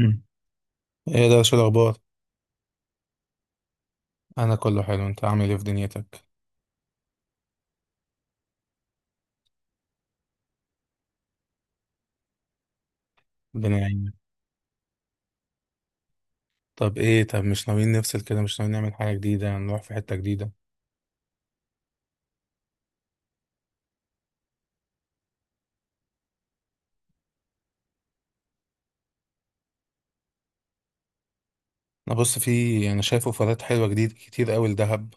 مم. ايه ده؟ شو الاخبار؟ انا كله حلو، انت عامل ايه في دنيتك؟ الدنيا عينك. طب ايه، طب مش ناويين نفصل كده؟ مش ناويين نعمل حاجه جديده، نروح في حته جديده؟ انا بص في انا شايف اوفرات حلوه جديد كتير قوي لدهب،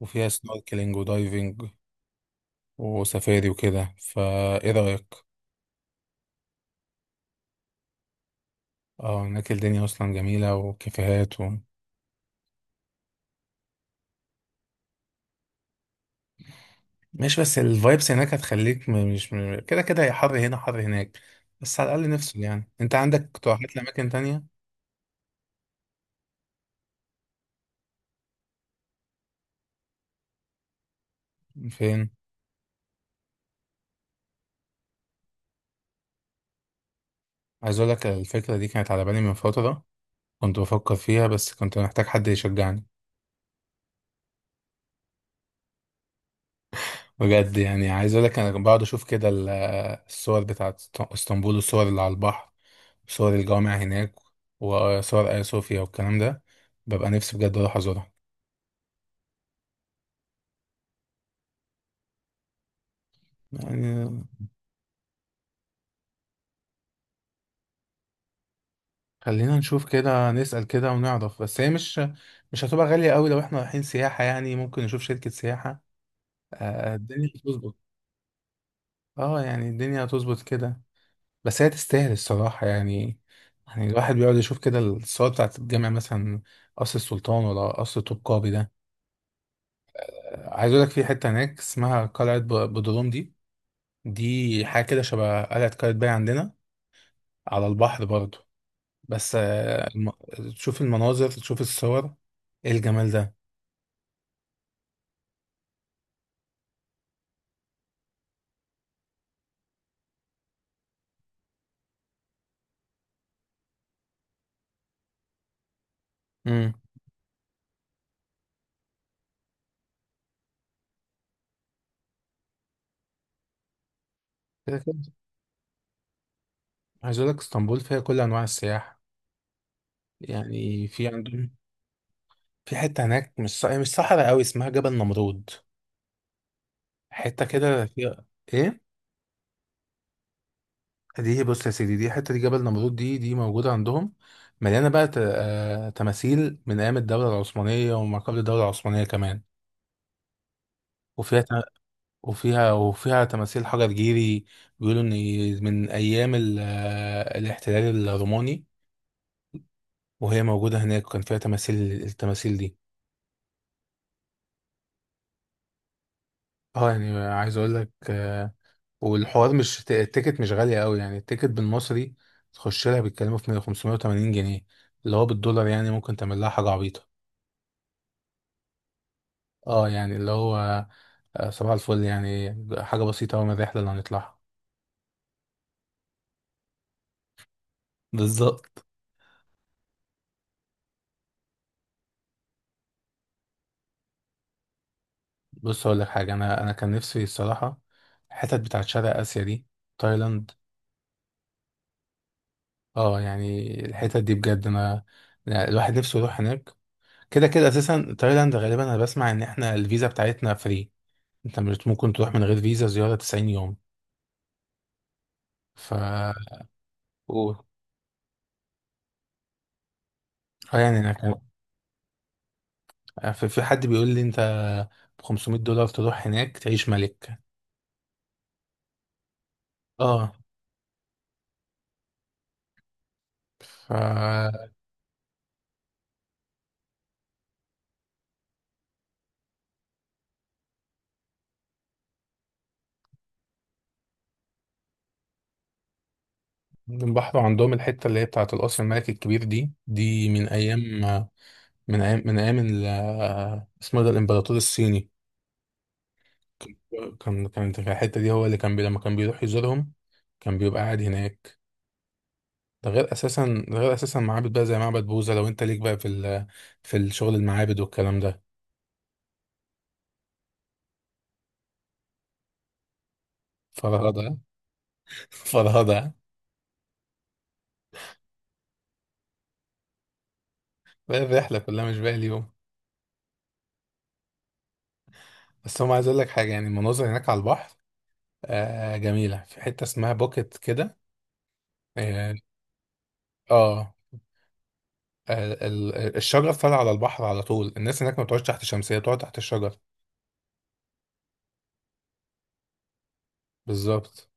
وفيها سنوركلينج ودايفنج وسفاري وكده. فايه رايك؟ اه، هناك الدنيا اصلا جميله وكافيهات مش بس الفايبس هناك هتخليك، م- مش م- كده كده، يا حر هنا حر هناك، بس على الاقل نفصل. يعني انت عندك اقتراحات لاماكن تانية؟ فين؟ عايز اقول لك الفكره دي كانت على بالي من فتره، كنت بفكر فيها بس كنت محتاج حد يشجعني. بجد، يعني عايز اقول لك انا بقعد اشوف كده الصور بتاعت اسطنبول، والصور اللي على البحر، وصور الجامع هناك، وصور ايا صوفيا والكلام ده. ببقى نفسي بجد اروح ازورها. يعني خلينا نشوف كده، نسأل كده ونعرف، بس هي مش هتبقى غاليه قوي لو احنا رايحين سياحه، يعني ممكن نشوف شركه سياحه. آه، الدنيا هتظبط. اه يعني الدنيا هتظبط كده، بس هي تستاهل الصراحة يعني. يعني الواحد بيقعد يشوف كده الصور بتاعت الجامع مثلا، قصر السلطان ولا قصر طوبقابي ده. آه، عايز اقول لك في حتة هناك اسمها قلعة بدروم دي. دي حاجة كده شبه قلعة قايتباي عندنا، على البحر برضو. بس آه، تشوف المناظر، تشوف الصور، ايه الجمال ده. امم، كده كده عايز اقول لك اسطنبول فيها كل انواع السياحة، يعني في عندهم. في حتة هناك مش مش صحراء قوي اسمها جبل نمرود، حتة كده فيها ايه. دي بص يا سيدي، دي حته دي جبل نمرود دي، دي موجوده عندهم، مليانه بقى تماثيل من ايام الدوله العثمانيه وما قبل الدوله العثمانيه كمان، وفيها ت- وفيها وفيها تماثيل حجر جيري. بيقولوا ان من ايام الاحتلال الروماني، وهي موجوده هناك وكان فيها تماثيل، التماثيل دي. اه يعني عايز اقول لك آه، والحوار مش التيكت مش غاليه قوي يعني. التيكت بالمصري تخش لها بيتكلموا في 580 جنيه، اللي هو بالدولار يعني ممكن تعمل لها حاجه عبيطه. اه يعني اللي هو آه، صباح الفل يعني، حاجة بسيطة أوي من الرحلة اللي هنطلعها. بالظبط. بص أقول لك حاجة، أنا كان نفسي الصراحة الحتت بتاعت شرق آسيا دي، تايلاند. اه يعني الحتت دي بجد، أنا يعني الواحد نفسه يروح هناك. كده كده أساسا تايلاند غالبا أنا بسمع إن إحنا الفيزا بتاعتنا فري، أنت مش ممكن تروح من غير فيزا زيارة 90 يوم. ف قول. اه يعني أنا كان آه، في حد بيقول لي أنت ب 500 دولار تروح هناك تعيش ملك. اه، ف البحر عندهم الحتة اللي هي بتاعة القصر الملكي الكبير دي، دي من أيام من أيام اسمه إيه ده، الإمبراطور الصيني. كان في الحتة دي، هو اللي كان بي، لما كان بيروح يزورهم كان بيبقى قاعد هناك. ده غير أساسا، ده غير أساسا معابد بقى زي معبد بوذا لو أنت ليك بقى في في الشغل المعابد والكلام ده. فرهدة. فرهدة. بقى الرحلة كلها مش باقي اليوم. بس هم، عايز أقول لك حاجة، يعني المناظر هناك على البحر آه جميلة. في حتة اسمها بوكيت كده، اه، آه. الشجر فال على البحر على طول، الناس هناك ما بتقعدش تحت شمسية، بتقعد تحت الشجر. بالظبط.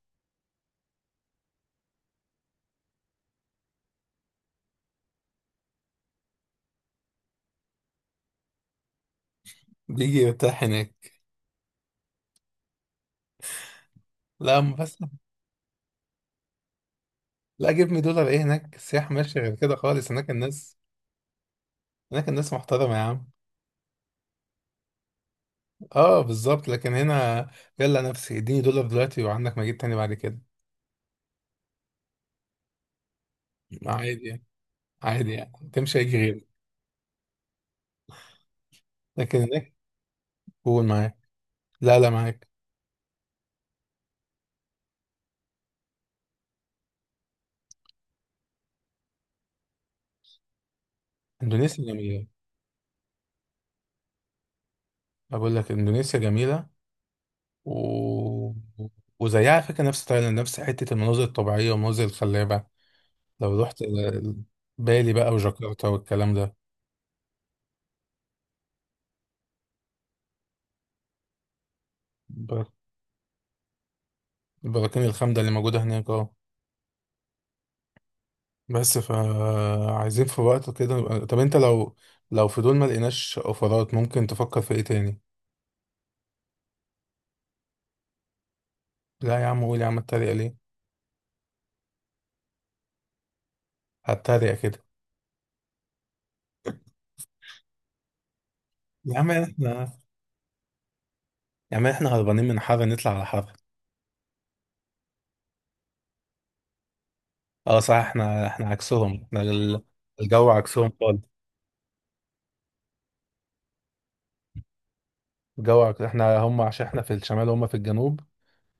بيجي يرتاح هناك. لا أما بس. لا، جيب مي دولار ايه، هناك السياح ماشي غير كده خالص، هناك الناس، هناك الناس محترمة يا عم. اه بالظبط، لكن هنا يلا نفسي اديني دولار دلوقتي وعندك مجيب تاني بعد كده. عادي يعني، عادي يعني تمشي هيجي غيري. لكن هناك قول معاك. لا معاك. اندونيسيا جميلة. بقول لك اندونيسيا جميلة، و... وزيها على فكرة، نفس تايلاند، نفس حتة المناظر الطبيعية والمناظر الخلابة. لو رحت بالي بقى وجاكرتا والكلام ده. ب- البراكين الخامدة اللي موجودة هناك، اه. بس فعايزين في وقت كده طب انت لو، لو في دول ما لقيناش اوفرات ممكن تفكر في ايه تاني؟ لا يا عم قول، يا عم اتريق ليه؟ هتريق كده؟ يا عم احنا، يا عم احنا هربانين من حر نطلع على حر. اه صح، احنا عكسهم، احنا الجو عكسهم خالص. جو احنا هم، عشان احنا في الشمال وهم في الجنوب.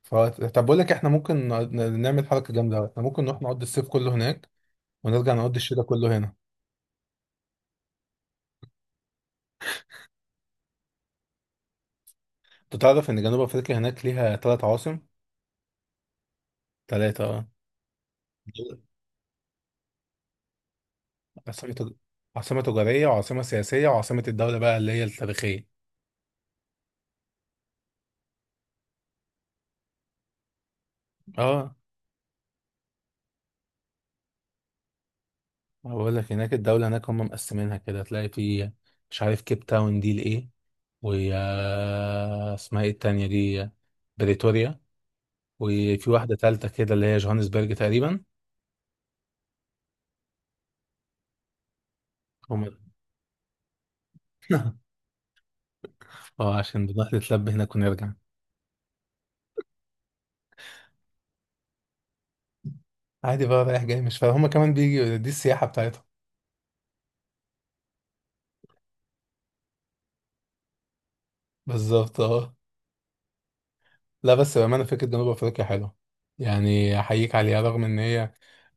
ف... طب بقول لك احنا ممكن نعمل حركه جامده أوي. احنا ممكن نروح نقضي الصيف كله هناك، ونرجع نقضي الشتاء كله هنا. انت تعرف ان جنوب افريقيا هناك ليها ثلاث عواصم؟ ثلاثه اه. عاصمه تج- عاصمه تجاريه، وعاصمه سياسيه، وعاصمه الدوله بقى اللي هي التاريخيه. اه. أنا بقول لك هناك الدوله هناك هم مقسمينها كده، تلاقي في، مش عارف، كيب تاون دي لايه، واسمها ايه التانيه دي، بريتوريا، وفي واحدة تالتة كده اللي هي جوهانسبرج تقريبا. هم. اه عشان بنروح نتلب هناك ونرجع. عادي بقى رايح جاي مش فاهم، هما كمان بيجي دي السياحة بتاعتهم. بالظبط اه. لا بس بأمانة فكرة جنوب أفريقيا حلوة، يعني أحييك عليها، رغم إن هي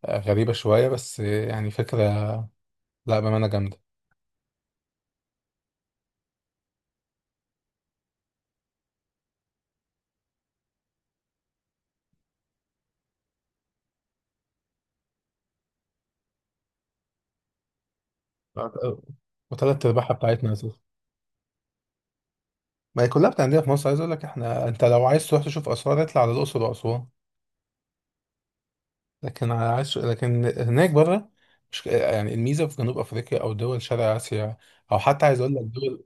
غريبة شوية بس يعني فكرة. لا بأمانة جامدة. وتلات أرباعها بتاعتنا أساسا. ما هي كلها بتاعتنا في مصر، عايز أقول لك إحنا، أنت لو عايز تروح تشوف آثار اطلع على الأقصر وأسوان. لكن عاش لكن هناك بره، مش يعني الميزه في جنوب افريقيا او دول شرق اسيا، او حتى عايز اقول لك دول،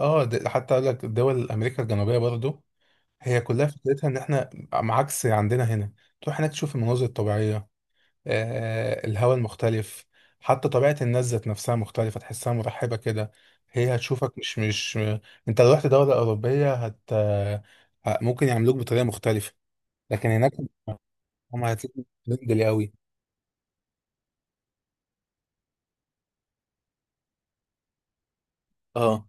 اه حتى اقول لك دول امريكا الجنوبيه برضو، هي كلها فكرتها ان احنا عكس عندنا هنا. تروح هناك تشوف المناظر الطبيعيه، آه الهواء المختلف. حتى طبيعه الناس ذات نفسها مختلفه، تحسها مرحبه كده، هي هتشوفك مش انت لو رحت دوله اوروبيه هت آه، ممكن يعاملوك بطريقه مختلفه، لكن هناك هم هتلاقيهم فريندلي قوي. اه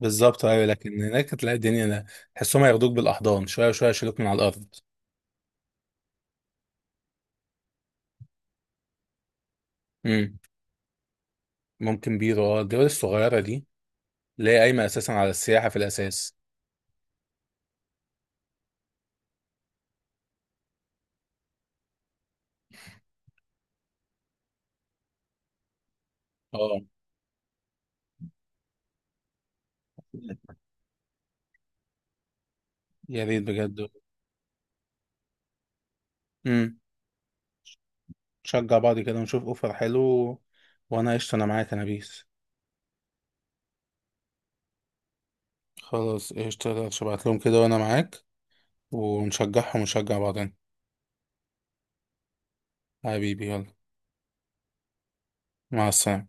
بالظبط ايوه، لكن هناك تلاقي الدنيا، تحسهم هياخدوك بالاحضان، شويه شويه يشيلوك من على الارض. امم. ممكن بيرو، اه الدول الصغيره دي اللي هي قايمه اساسا على السياحه في الاساس. اه يا ريت بجد. امم. نشجع بعض كده ونشوف اوفر حلو، وانا قشطه، انا معاك، انا بيس. خلاص قشطه، ابعت لهم كده وانا معاك، ونشجعهم ونشجع بعضنا. حبيبي يلا، مع السلامه.